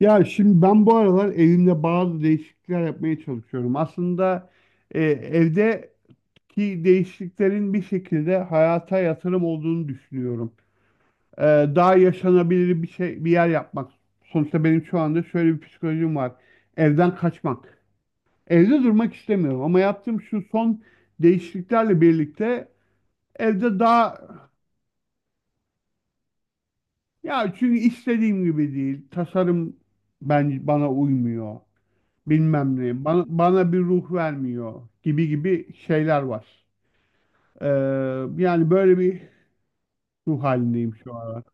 Ya şimdi ben bu aralar evimde bazı değişiklikler yapmaya çalışıyorum. Aslında evdeki değişikliklerin bir şekilde hayata yatırım olduğunu düşünüyorum. E, Daha yaşanabilir bir şey, bir yer yapmak. Sonuçta benim şu anda şöyle bir psikolojim var. Evden kaçmak. Evde durmak istemiyorum ama yaptığım şu son değişikliklerle birlikte evde daha ya çünkü istediğim gibi değil. Tasarım bence bana uymuyor. Bilmem ne bana bir ruh vermiyor gibi gibi şeyler var. Ee, Yani böyle bir ruh halindeyim şu an.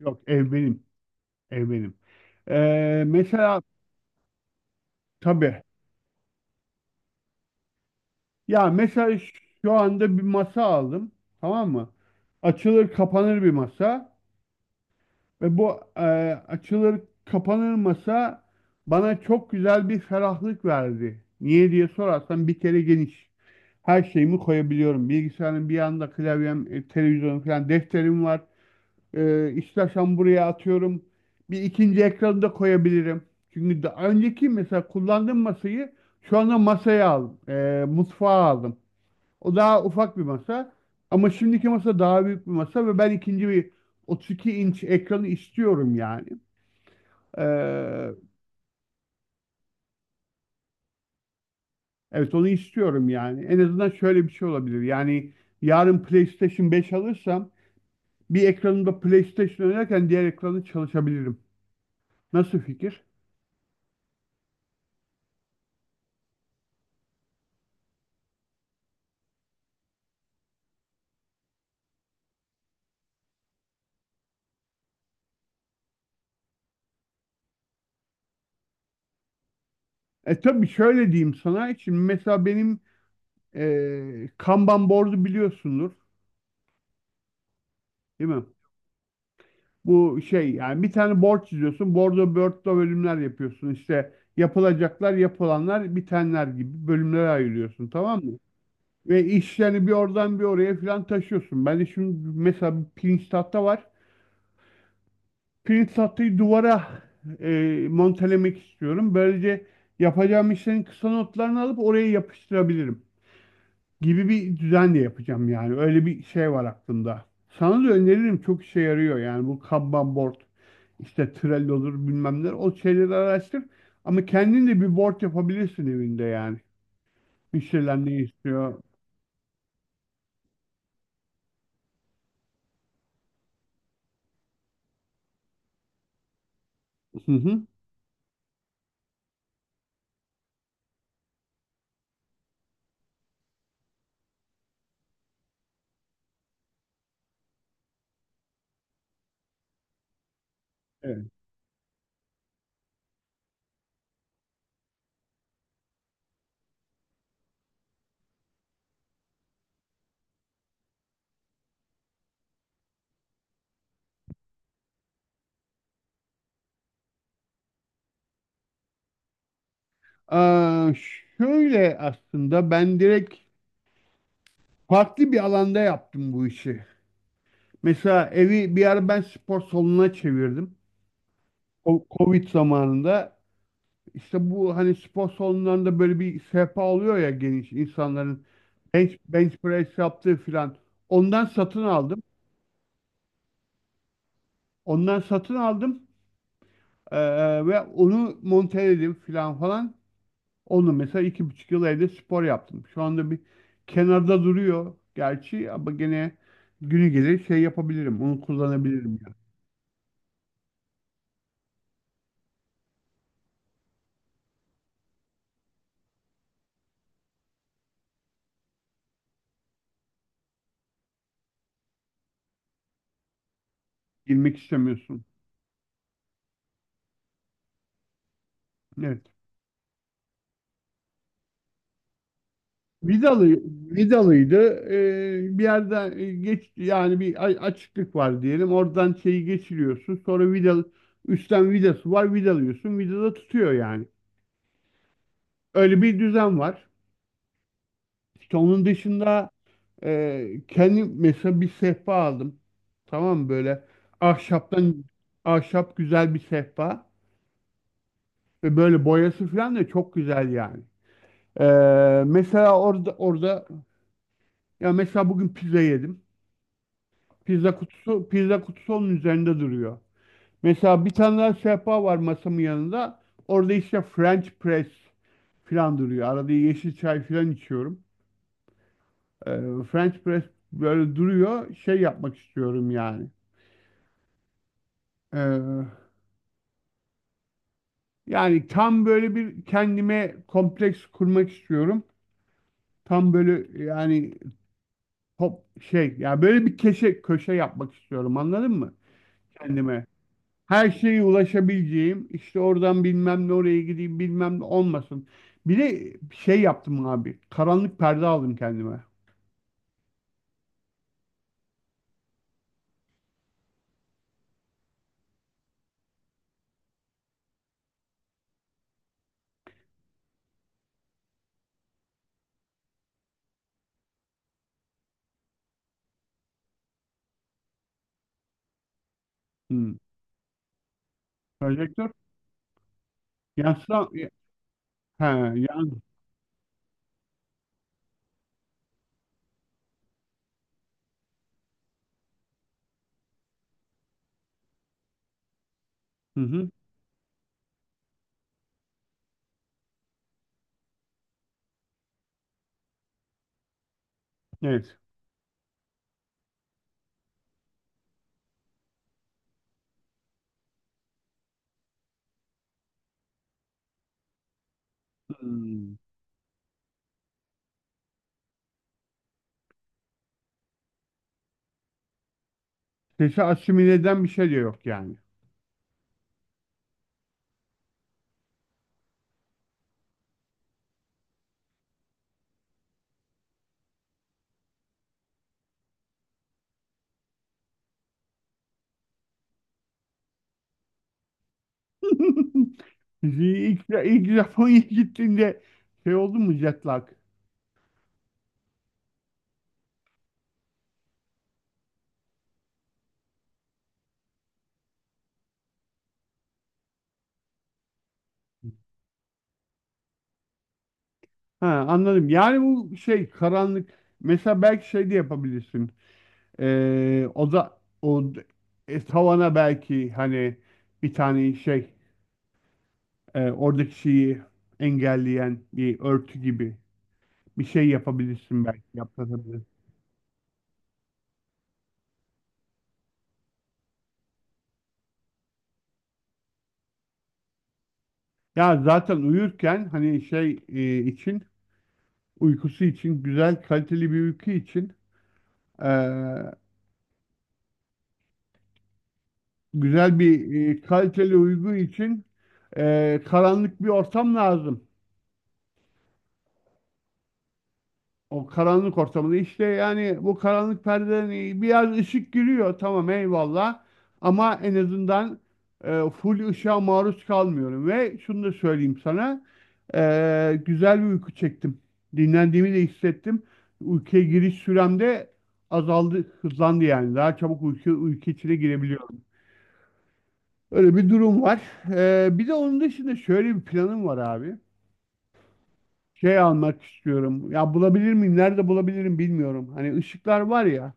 Yok ev benim. Ev benim. Mesela tabii ya mesela şu anda bir masa aldım, tamam mı? Açılır kapanır bir masa. Ve bu açılır kapanır masa bana çok güzel bir ferahlık verdi. Niye diye sorarsan, bir kere geniş. Her şeyimi koyabiliyorum. Bilgisayarın bir yanında klavyem, televizyonum falan, defterim var. İstersen buraya atıyorum. Bir ikinci ekranı da koyabilirim. Çünkü daha önceki mesela kullandığım masayı şu anda masaya aldım. Mutfağa aldım. O daha ufak bir masa. Ama şimdiki masa daha büyük bir masa ve ben ikinci bir 32 inç ekranı istiyorum yani. Ee, evet, onu istiyorum yani. En azından şöyle bir şey olabilir. Yani yarın PlayStation 5 alırsam bir ekranımda PlayStation oynarken diğer ekranı çalışabilirim. Nasıl fikir? Tabii şöyle diyeyim sana. Şimdi mesela benim Kanban board'u biliyorsundur, değil mi? Bu şey, yani bir tane board çiziyorsun. Bordo börtlo bölümler yapıyorsun. İşte yapılacaklar, yapılanlar, bitenler gibi bölümlere ayırıyorsun, tamam mı? Ve işlerini bir oradan bir oraya falan taşıyorsun. Ben de şimdi mesela bir pirinç tahta var. Pirinç tahtayı duvara montelemek istiyorum. Böylece yapacağım işlerin kısa notlarını alıp oraya yapıştırabilirim gibi bir düzen de yapacağım yani. Öyle bir şey var aklımda. Sana da öneririm, çok işe yarıyor yani bu Kanban board. İşte Trello olur, bilmem neler. O şeyleri araştır. Ama kendin de bir board yapabilirsin evinde yani. Müşteriler ne istiyor? Hı hı. Evet. Aa, şöyle aslında ben direkt farklı bir alanda yaptım bu işi. Mesela evi bir ara ben spor salonuna çevirdim. O Covid zamanında, işte bu hani spor salonlarında böyle bir sehpa oluyor ya, geniş, insanların bench, bench press yaptığı filan. Ondan satın aldım. Ondan satın aldım. Ee, Ve onu monteledim filan falan. Onu mesela 2,5 yıl evde spor yaptım. Şu anda bir kenarda duruyor gerçi ama gene günü gelir şey yapabilirim. Onu kullanabilirim ya. Girmek istemiyorsun. Evet. Vidalı, vidalıydı. Bir yerden geç yani, bir açıklık var diyelim. Oradan şeyi geçiriyorsun. Sonra üstten vidası var. Vidalıyorsun. Vidada tutuyor yani. Öyle bir düzen var. İşte onun dışında, kendi mesela bir sehpa aldım. Tamam mı? Böyle ahşaptan, ahşap güzel bir sehpa ve böyle boyası falan da çok güzel yani. Mesela orada ya mesela bugün pizza yedim. Pizza kutusu onun üzerinde duruyor. Mesela bir tane daha sehpa var masamın yanında. Orada işte French press falan duruyor. Arada yeşil çay falan içiyorum. Ee, French press böyle duruyor. Şey yapmak istiyorum yani. Yani tam böyle bir kendime kompleks kurmak istiyorum. Tam böyle yani top şey ya, böyle bir keşe köşe yapmak istiyorum, anladın mı? Kendime. Her şeye ulaşabileceğim, işte oradan bilmem ne, oraya gideyim bilmem ne olmasın. Bir de şey yaptım abi. Karanlık perde aldım kendime. Hmm. Projektör. Yansıtan he, yan, hı hı, evet. Hmm. Sesi asimile eden bir şey de yok yani. İlk Japonya'ya gittiğinde şey oldu mu, jetlak? Ha, anladım. Yani bu şey, karanlık. Mesela belki şey de yapabilirsin. O da o tavana belki hani bir tane şey oradaki şeyi engelleyen bir örtü gibi bir şey yapabilirsin, belki yaptırabilirsin. Ya zaten uyurken hani şey için, uykusu için, güzel kaliteli bir uyku için e, güzel bir kaliteli uygu için karanlık bir ortam lazım. O karanlık ortamında işte, yani bu karanlık perdeden biraz ışık giriyor, tamam, eyvallah, ama en azından full ışığa maruz kalmıyorum ve şunu da söyleyeyim sana, güzel bir uyku çektim. Dinlendiğimi de hissettim. Uykuya giriş sürem de azaldı, hızlandı yani. Daha çabuk uyku içine girebiliyorum. Öyle bir durum var. Bir de onun dışında şöyle bir planım var abi. Şey almak istiyorum. Ya bulabilir miyim? Nerede bulabilirim bilmiyorum. Hani ışıklar var ya.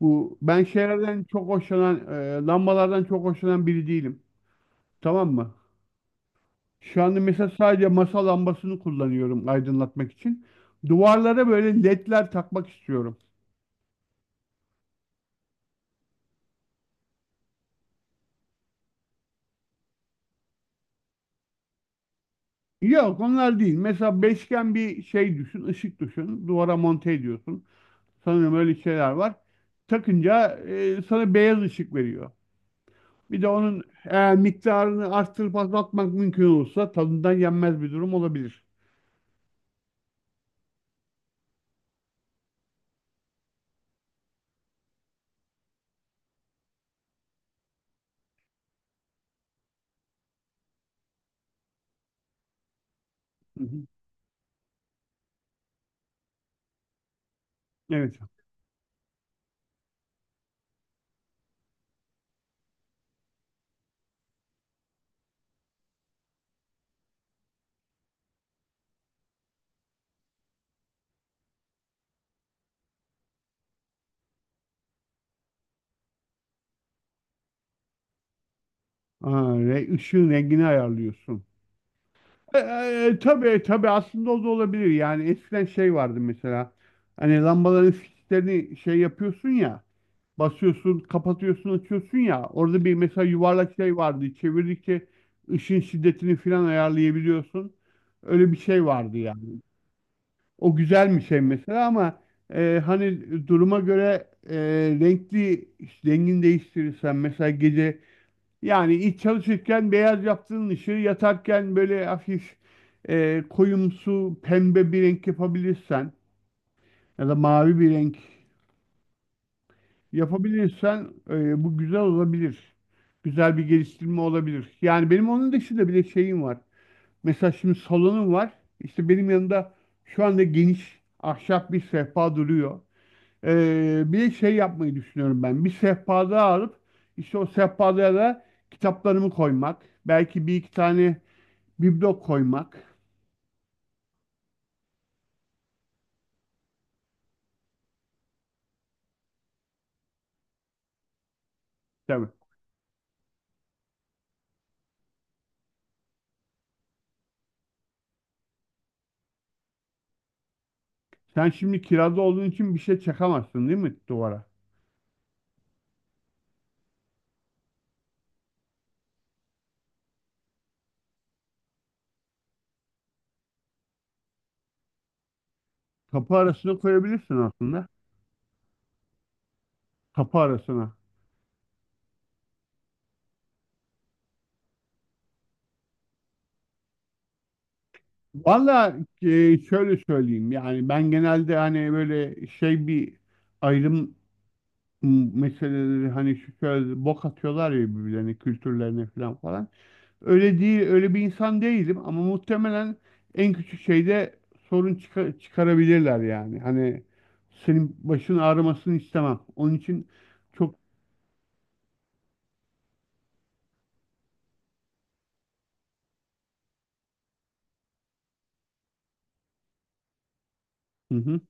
Bu ben şeylerden çok hoşlanan, lambalardan çok hoşlanan biri değilim. Tamam mı? Şu anda mesela sadece masa lambasını kullanıyorum aydınlatmak için. Duvarlara böyle ledler takmak istiyorum. Yok, onlar değil. Mesela beşgen bir şey düşün, ışık düşün. Duvara monte ediyorsun. Sanırım öyle şeyler var. Takınca sana beyaz ışık veriyor. Bir de onun miktarını arttırıp azaltmak mümkün olursa tadından yenmez bir durum olabilir. Hı hı. Evet. Aa, ışığın rengini ayarlıyorsun. Tabii tabii, aslında o da olabilir. Yani eskiden şey vardı mesela. Hani lambaların fişlerini şey yapıyorsun ya, basıyorsun, kapatıyorsun, açıyorsun ya. Orada bir mesela yuvarlak şey vardı. Çevirdikçe ışın şiddetini falan ayarlayabiliyorsun. Öyle bir şey vardı yani. O güzel bir şey mesela ama hani duruma göre, renkli, rengini değiştirirsen mesela gece, yani iç çalışırken beyaz yaptığın ışığı yatarken böyle hafif koyumsu pembe bir renk yapabilirsen ya da mavi bir renk yapabilirsen bu güzel olabilir. Güzel bir geliştirme olabilir. Yani benim onun dışında bile şeyim var. Mesela şimdi salonum var. İşte benim yanında şu anda geniş ahşap bir sehpa duruyor. Bir de şey yapmayı düşünüyorum ben. Bir sehpa daha alıp işte o sehpada da kitaplarımı koymak. Belki bir iki tane biblo koymak. Tabii. Sen şimdi kirada olduğun için bir şey çakamazsın değil mi duvara? Kapı arasına koyabilirsin aslında. Kapı arasına. Valla, şöyle söyleyeyim yani, ben genelde hani böyle şey, bir ayrım meseleleri, hani şu şöyle bok atıyorlar ya birbirlerine, kültürlerine falan falan. Öyle değil, öyle bir insan değilim ama muhtemelen en küçük şeyde sorun çıkarabilirler yani. Hani senin başın ağrımasını istemem. Onun için çok. Hı hı.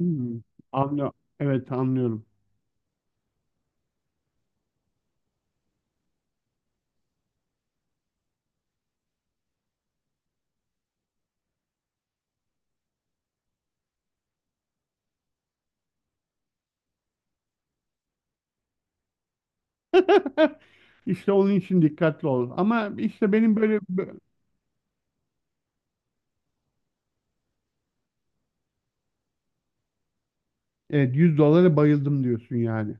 Hmm. Anlıyorum. Evet, anlıyorum. İşte onun için dikkatli ol. Ama işte benim böyle evet, 100 dolara bayıldım diyorsun yani.